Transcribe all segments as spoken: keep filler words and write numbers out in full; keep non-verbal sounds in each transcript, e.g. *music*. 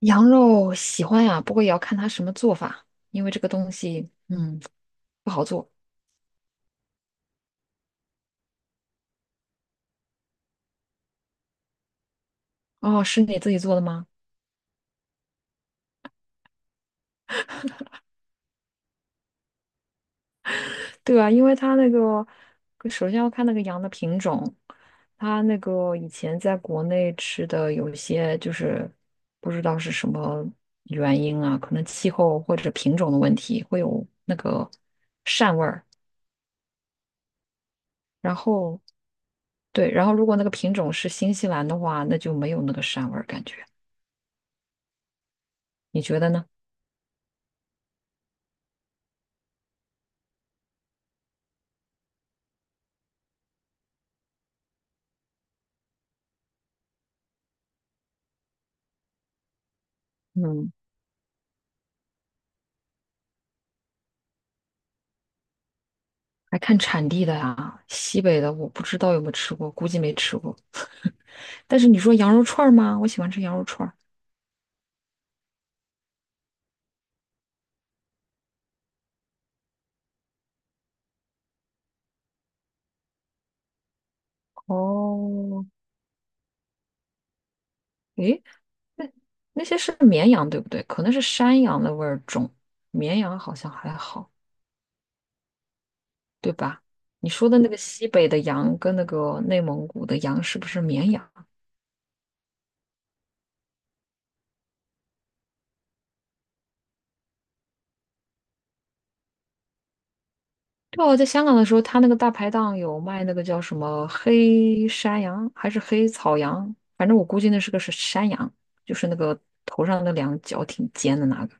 羊肉喜欢呀，不过也要看它什么做法，因为这个东西，嗯，不好做。哦，是你自己做的吗？对啊，因为它那个，首先要看那个羊的品种，它那个以前在国内吃的有些就是不知道是什么原因啊，可能气候或者品种的问题会有那个膻味儿。然后对，然后如果那个品种是新西兰的话，那就没有那个膻味儿感觉。你觉得呢？嗯。还看产地的呀，西北的我不知道有没有吃过，估计没吃过。但是你说羊肉串儿吗？我喜欢吃羊肉串儿。哦，诶，那那些是绵羊对不对？可能是山羊的味儿重，绵羊好像还好，对吧？你说的那个西北的羊跟那个内蒙古的羊是不是绵羊？对，我在香港的时候，他那个大排档有卖那个叫什么黑山羊还是黑草羊，反正我估计那是个是山羊，就是那个头上那两角挺尖的那个。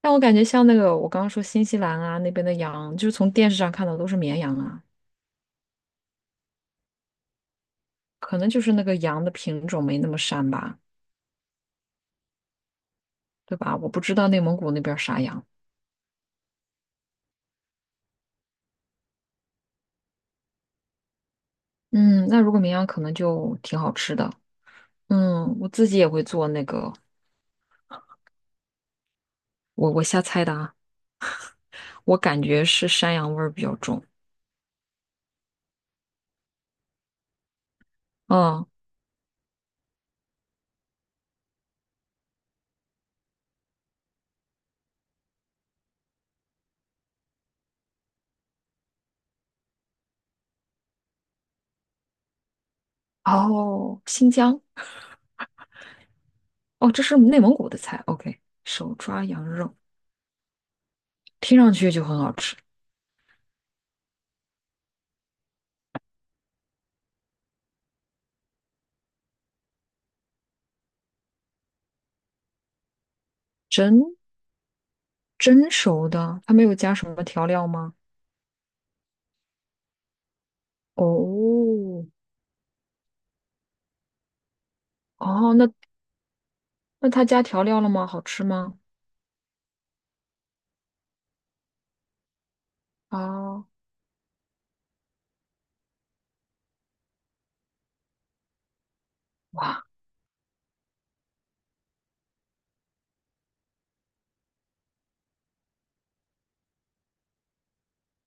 但我感觉像那个我刚刚说新西兰啊那边的羊，就是从电视上看到都是绵羊啊，可能就是那个羊的品种没那么膻吧，对吧？我不知道内蒙古那边儿啥羊。嗯，那如果绵羊可能就挺好吃的。嗯，我自己也会做那个，我我瞎猜的啊，我感觉是山羊味儿比较重。嗯，哦，新疆，哦，这是内蒙古的菜。O K,手抓羊肉，听上去就很好吃。蒸熟的，它没有加什么调料吗？哦，哦，那那它加调料了吗？好吃吗？啊，哇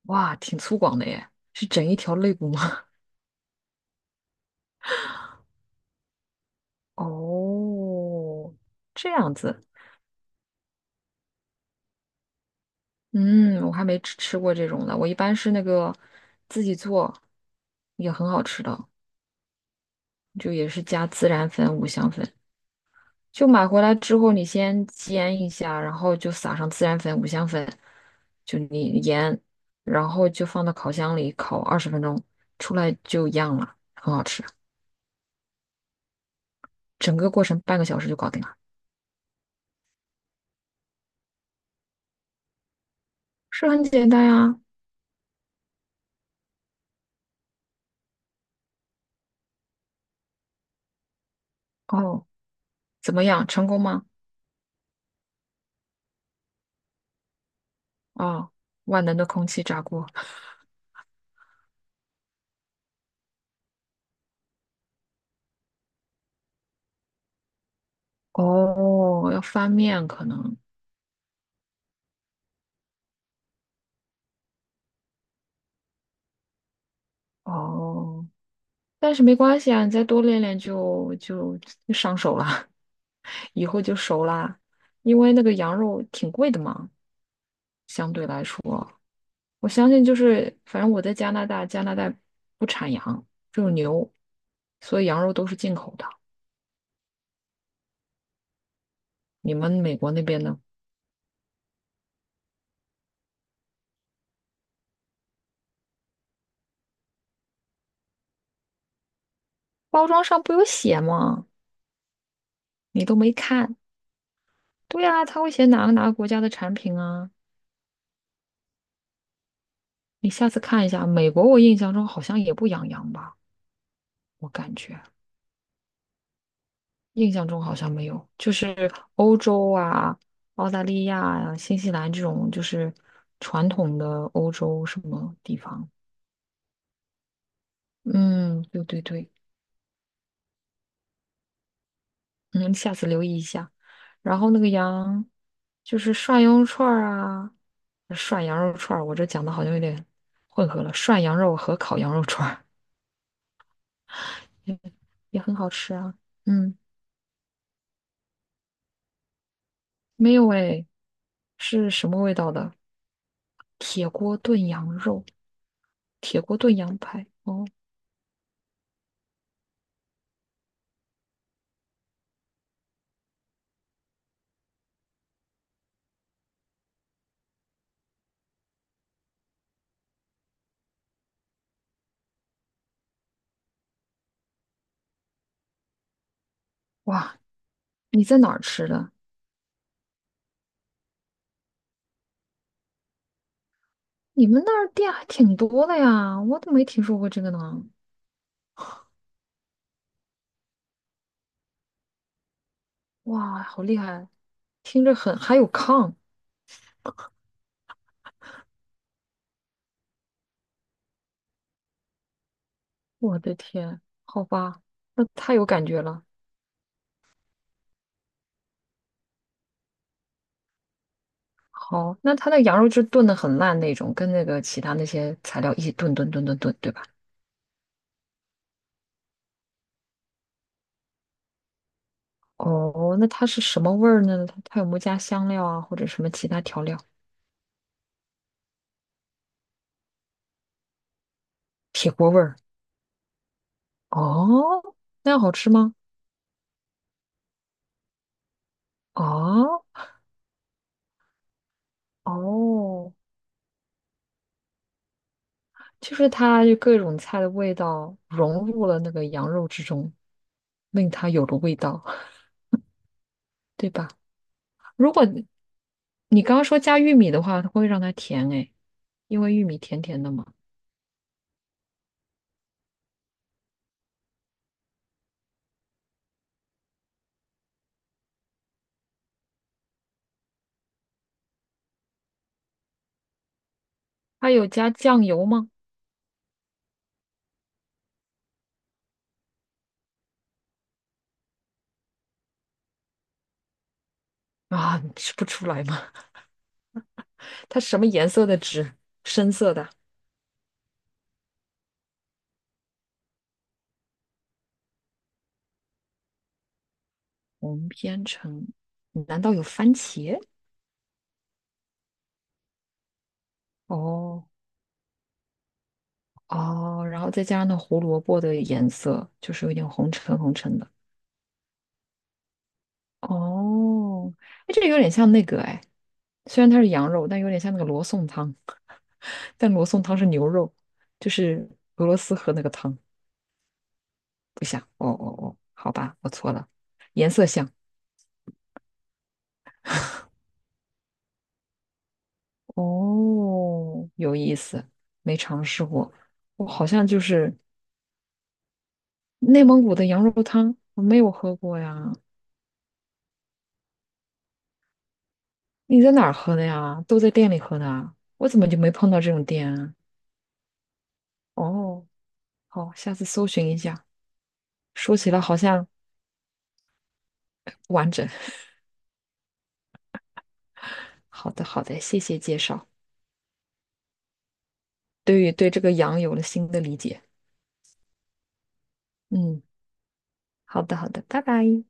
哇，挺粗犷的耶，是整一条肋骨吗？*laughs* 哦，这样子，嗯，我还没吃吃过这种的，我一般是那个自己做，也很好吃的，就也是加孜然粉、五香粉。就买回来之后，你先煎一下，然后就撒上孜然粉、五香粉，就你盐，然后就放到烤箱里烤二十分钟，出来就一样了，很好吃。整个过程半个小时就搞定了，是很简单呀。哦，怎么样，成功吗？哦，万能的空气炸锅。*laughs* 哦，要翻面可能。哦，但是没关系啊，你再多练练就就就上手了，*laughs* 以后就熟啦。因为那个羊肉挺贵的嘛。相对来说，我相信就是，反正我在加拿大，加拿大不产羊，只有牛，所以羊肉都是进口的。你们美国那边呢？包装上不有写吗？你都没看。对啊，他会写哪个哪个国家的产品啊？你下次看一下，美国我印象中好像也不养羊吧，我感觉印象中好像没有，就是欧洲啊、澳大利亚啊、新西兰这种就是传统的欧洲什么地方。嗯，对对对。嗯，下次留意一下。然后那个羊，就是涮羊肉串儿啊，呃涮羊肉串儿，我这讲的好像有点混合了，涮羊肉和烤羊肉串儿 *laughs* 也很好吃啊。嗯，没有诶，是什么味道的？铁锅炖羊肉，铁锅炖羊排。哦，哇，你在哪儿吃的？你们那儿店还挺多的呀，我怎么没听说过这个呢。哇，好厉害！听着很，还有炕。我的天，好吧，那太有感觉了。好，那它那羊肉就炖的很烂那种，跟那个其他那些材料一起炖炖炖炖炖，对吧？哦，那它是什么味儿呢？它它有没有加香料啊，或者什么其他调料？铁锅味儿。哦，那样好吃吗？哦哦，就是它就各种菜的味道融入了那个羊肉之中，令它有了味道，*laughs* 对吧？如果你刚刚说加玉米的话，它会让它甜诶。因为玉米甜甜的嘛。它有加酱油吗？啊，你吃不出来吗？*laughs* 它什么颜色的纸？深色的。红编程，难道有番茄？哦哦，然后再加上那胡萝卜的颜色，就是有点红橙红橙的。哦，哎，这个有点像那个哎，虽然它是羊肉，但有点像那个罗宋汤，但罗宋汤是牛肉，就是俄罗斯喝那个汤不像。哦哦哦，好吧，我错了，颜色像。哦，有意思，没尝试过。我好像就是内蒙古的羊肉汤，我没有喝过呀。你在哪儿喝的呀？都在店里喝的啊？我怎么就没碰到这种店啊？哦，好，下次搜寻一下。说起来好像不完整。*laughs* 好的，好的，谢谢介绍，对于对这个羊有了新的理解。嗯，好的，好的，拜拜。